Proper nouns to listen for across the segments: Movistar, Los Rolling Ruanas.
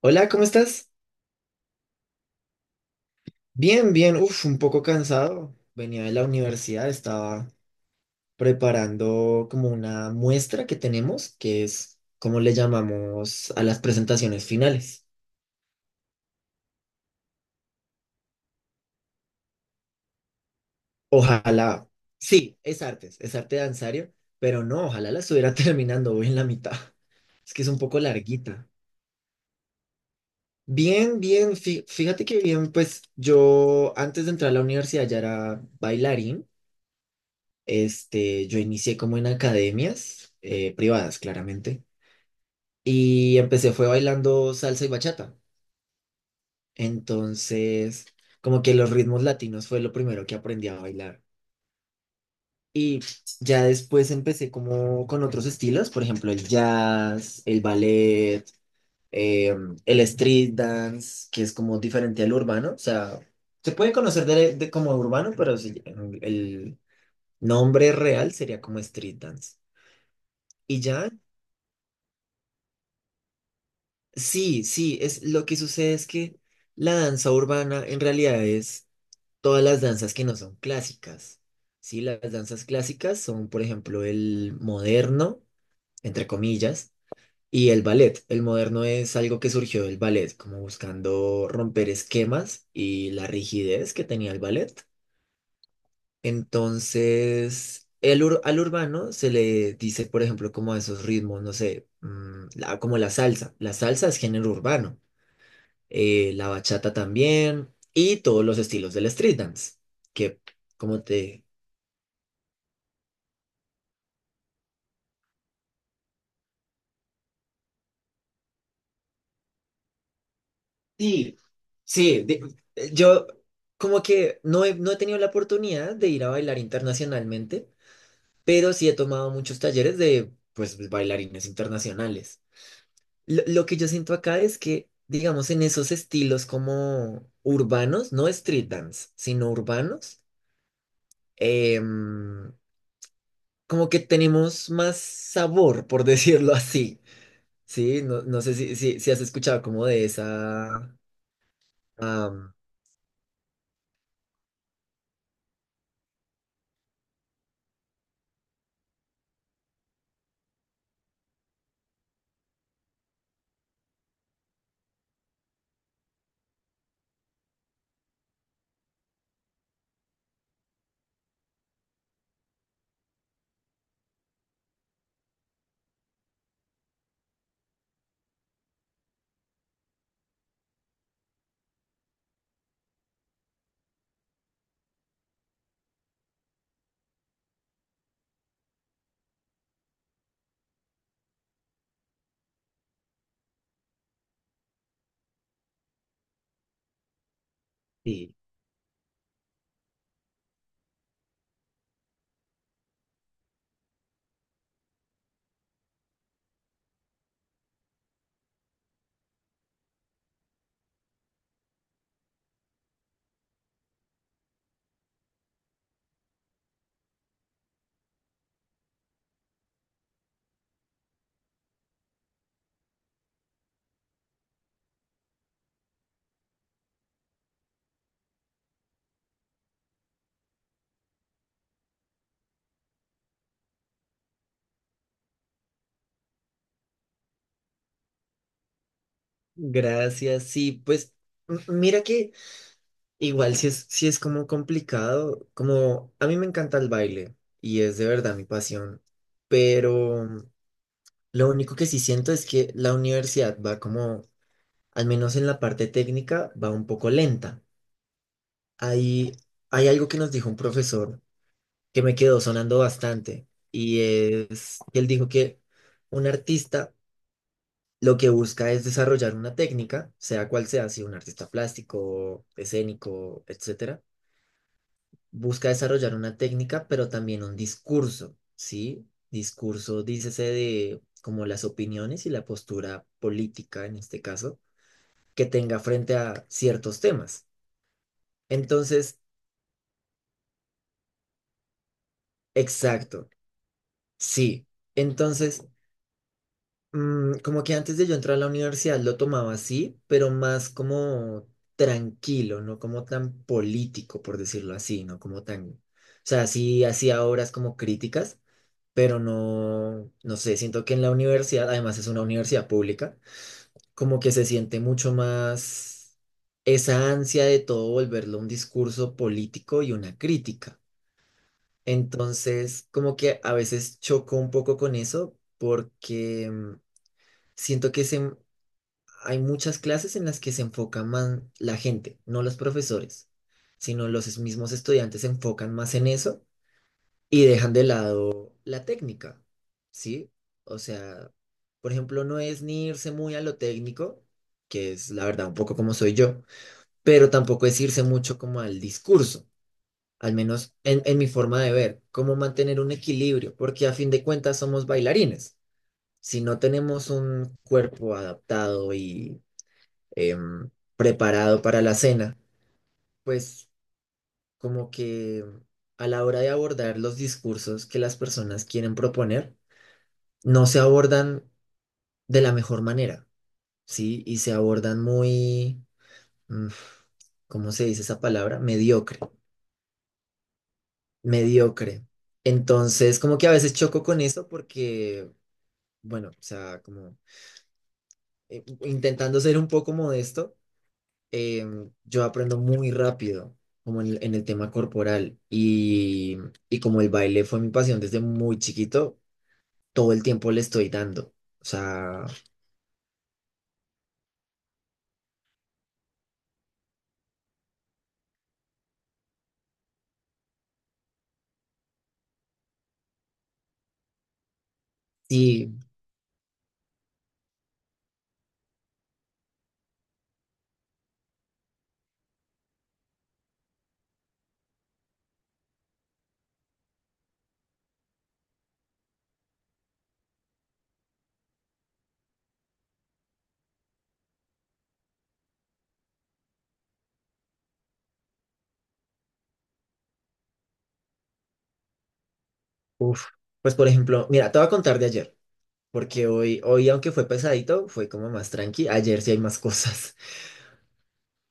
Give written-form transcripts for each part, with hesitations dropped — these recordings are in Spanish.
Hola, ¿cómo estás? Bien, bien, uf, un poco cansado. Venía de la universidad, estaba preparando como una muestra que tenemos, que es como le llamamos a las presentaciones finales. Ojalá, sí, es artes, es arte danzario, pero no, ojalá la estuviera terminando hoy en la mitad. Es que es un poco larguita. Bien, bien, fíjate que bien, pues yo antes de entrar a la universidad ya era bailarín. Este, yo inicié como en academias privadas, claramente, y empecé fue bailando salsa y bachata. Entonces, como que los ritmos latinos fue lo primero que aprendí a bailar. Y ya después empecé como con otros estilos, por ejemplo, el jazz, el ballet, eh, el street dance, que es como diferente al urbano. O sea, se puede conocer de como urbano, pero sí, el nombre real sería como street dance. Y ya sí, sí, es lo que sucede es que la danza urbana en realidad es todas las danzas que no son clásicas. Sí, las danzas clásicas son, por ejemplo, el moderno, entre comillas, y el ballet. El moderno es algo que surgió del ballet, como buscando romper esquemas y la rigidez que tenía el ballet. Entonces, al urbano se le dice, por ejemplo, como a esos ritmos, no sé, como la salsa. La salsa es género urbano, la bachata también y todos los estilos del street dance, que como te... Sí, sí, yo como que no he tenido la oportunidad de ir a bailar internacionalmente, pero sí he tomado muchos talleres de pues bailarines internacionales. Lo que yo siento acá es que, digamos, en esos estilos como urbanos, no street dance, sino urbanos, em, como que tenemos más sabor, por decirlo así. Sí, no, no sé si has escuchado como de esa... am, sí, gracias, sí, pues mira que igual si es, si es como complicado, como a mí me encanta el baile y es de verdad mi pasión, pero lo único que sí siento es que la universidad va como, al menos en la parte técnica, va un poco lenta. Hay, hay algo que nos dijo un profesor que me quedó sonando bastante y es que él dijo que un artista lo que busca es desarrollar una técnica, sea cual sea, si un artista plástico, escénico, etcétera, busca desarrollar una técnica, pero también un discurso, ¿sí? Discurso, dícese de como las opiniones y la postura política, en este caso, que tenga frente a ciertos temas. Entonces, exacto, sí. Entonces, mm, como que antes de yo entrar a la universidad lo tomaba así, pero más como tranquilo, no como tan político, por decirlo así, no como tan... O sea, sí hacía obras como críticas, pero no, no sé, siento que en la universidad, además es una universidad pública, como que se siente mucho más esa ansia de todo volverlo un discurso político y una crítica. Entonces, como que a veces choco un poco con eso porque... siento hay muchas clases en las que se enfoca más la gente, no los profesores, sino los mismos estudiantes se enfocan más en eso y dejan de lado la técnica, ¿sí? O sea, por ejemplo, no es ni irse muy a lo técnico, que es la verdad un poco como soy yo, pero tampoco es irse mucho como al discurso, al menos en mi forma de ver, cómo mantener un equilibrio, porque a fin de cuentas somos bailarines. Si no tenemos un cuerpo adaptado y em, preparado para la cena, pues como que a la hora de abordar los discursos que las personas quieren proponer, no se abordan de la mejor manera, ¿sí? Y se abordan muy, mm, ¿cómo se dice esa palabra? Mediocre, mediocre. Entonces, como que a veces choco con eso porque, bueno, o sea, como intentando ser un poco modesto, yo aprendo muy rápido, como el en el tema corporal. Y como el baile fue mi pasión desde muy chiquito, todo el tiempo le estoy dando. O sea, sí, uff. Pues por ejemplo, mira, te voy a contar de ayer, porque hoy, hoy aunque fue pesadito, fue como más tranqui. Ayer sí hay más cosas.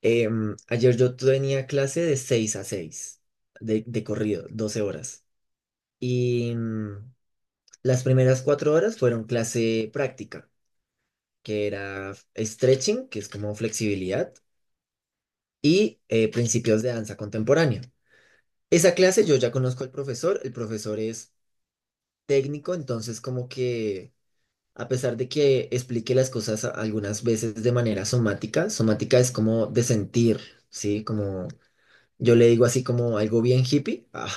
Em, ayer yo tenía clase de 6 a 6 de corrido, 12 horas. Y las primeras 4 horas fueron clase práctica, que era stretching, que es como flexibilidad, y principios de danza contemporánea. Esa clase yo ya conozco al profesor, el profesor es técnico, entonces como que a pesar de que explique las cosas algunas veces de manera somática, somática es como de sentir, ¿sí? Como yo le digo así como algo bien hippie, ah,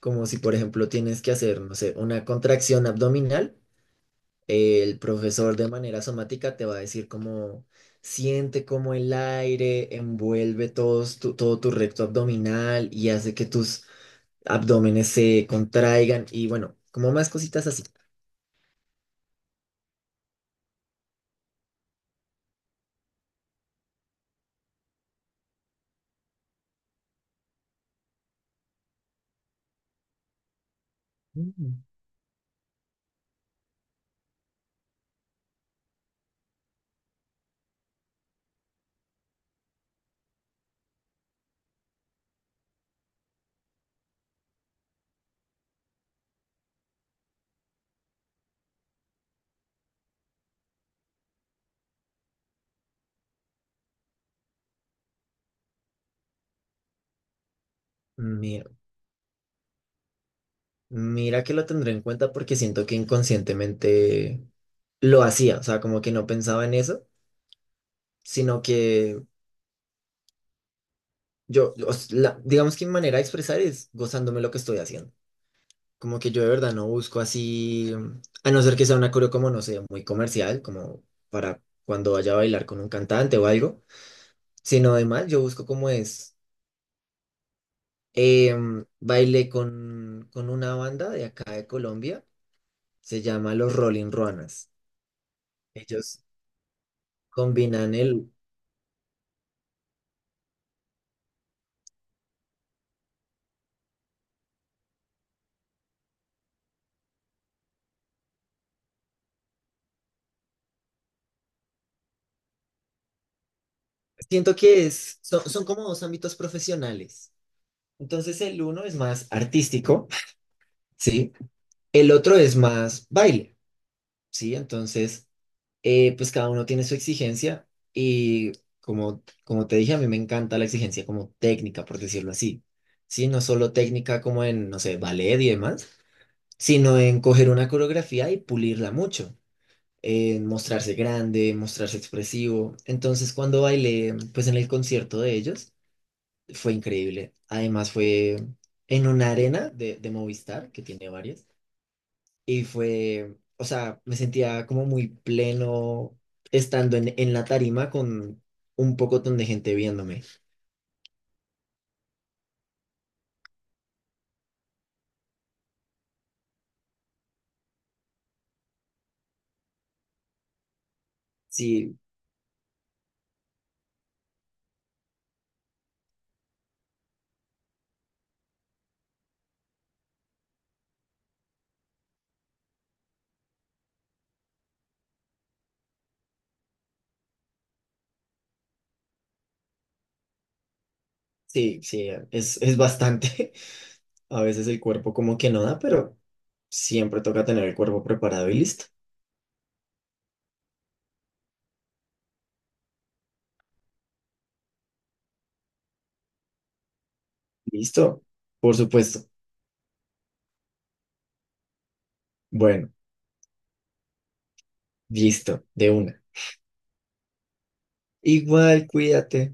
como si por ejemplo tienes que hacer, no sé, una contracción abdominal. El profesor de manera somática te va a decir cómo siente cómo el aire envuelve todo tu recto abdominal y hace que tus abdómenes se contraigan y bueno, como más cositas así. Mm. Mira, mira que lo tendré en cuenta porque siento que inconscientemente lo hacía, o sea, como que no pensaba en eso, sino que digamos que mi manera de expresar es gozándome lo que estoy haciendo. Como que yo de verdad no busco así, mm, a no ser que sea una coreo como, no sé, muy comercial, como para cuando vaya a bailar con un cantante o algo, sino además yo busco como es, bailé con una banda de acá de Colombia, se llama Los Rolling Ruanas. Ellos combinan el, siento que es, son como dos ámbitos profesionales. Entonces el uno es más artístico, ¿sí? El otro es más baile, ¿sí? Entonces... pues cada uno tiene su exigencia y como, como te dije, a mí me encanta la exigencia como técnica, por decirlo así. Sí, no solo técnica como en, no sé, ballet y demás, sino en coger una coreografía y pulirla mucho, en mostrarse grande, mostrarse expresivo. Entonces, cuando bailé, pues en el concierto de ellos, fue increíble. Además, fue en una arena de Movistar, que tiene varias. Y fue, o sea, me sentía como muy pleno estando en la tarima con un pocotón de gente viéndome. Sí, sí, sí, es bastante. A veces el cuerpo como que no da, pero siempre toca tener el cuerpo preparado y listo. Listo, por supuesto. Bueno, listo, de una. Igual, cuídate.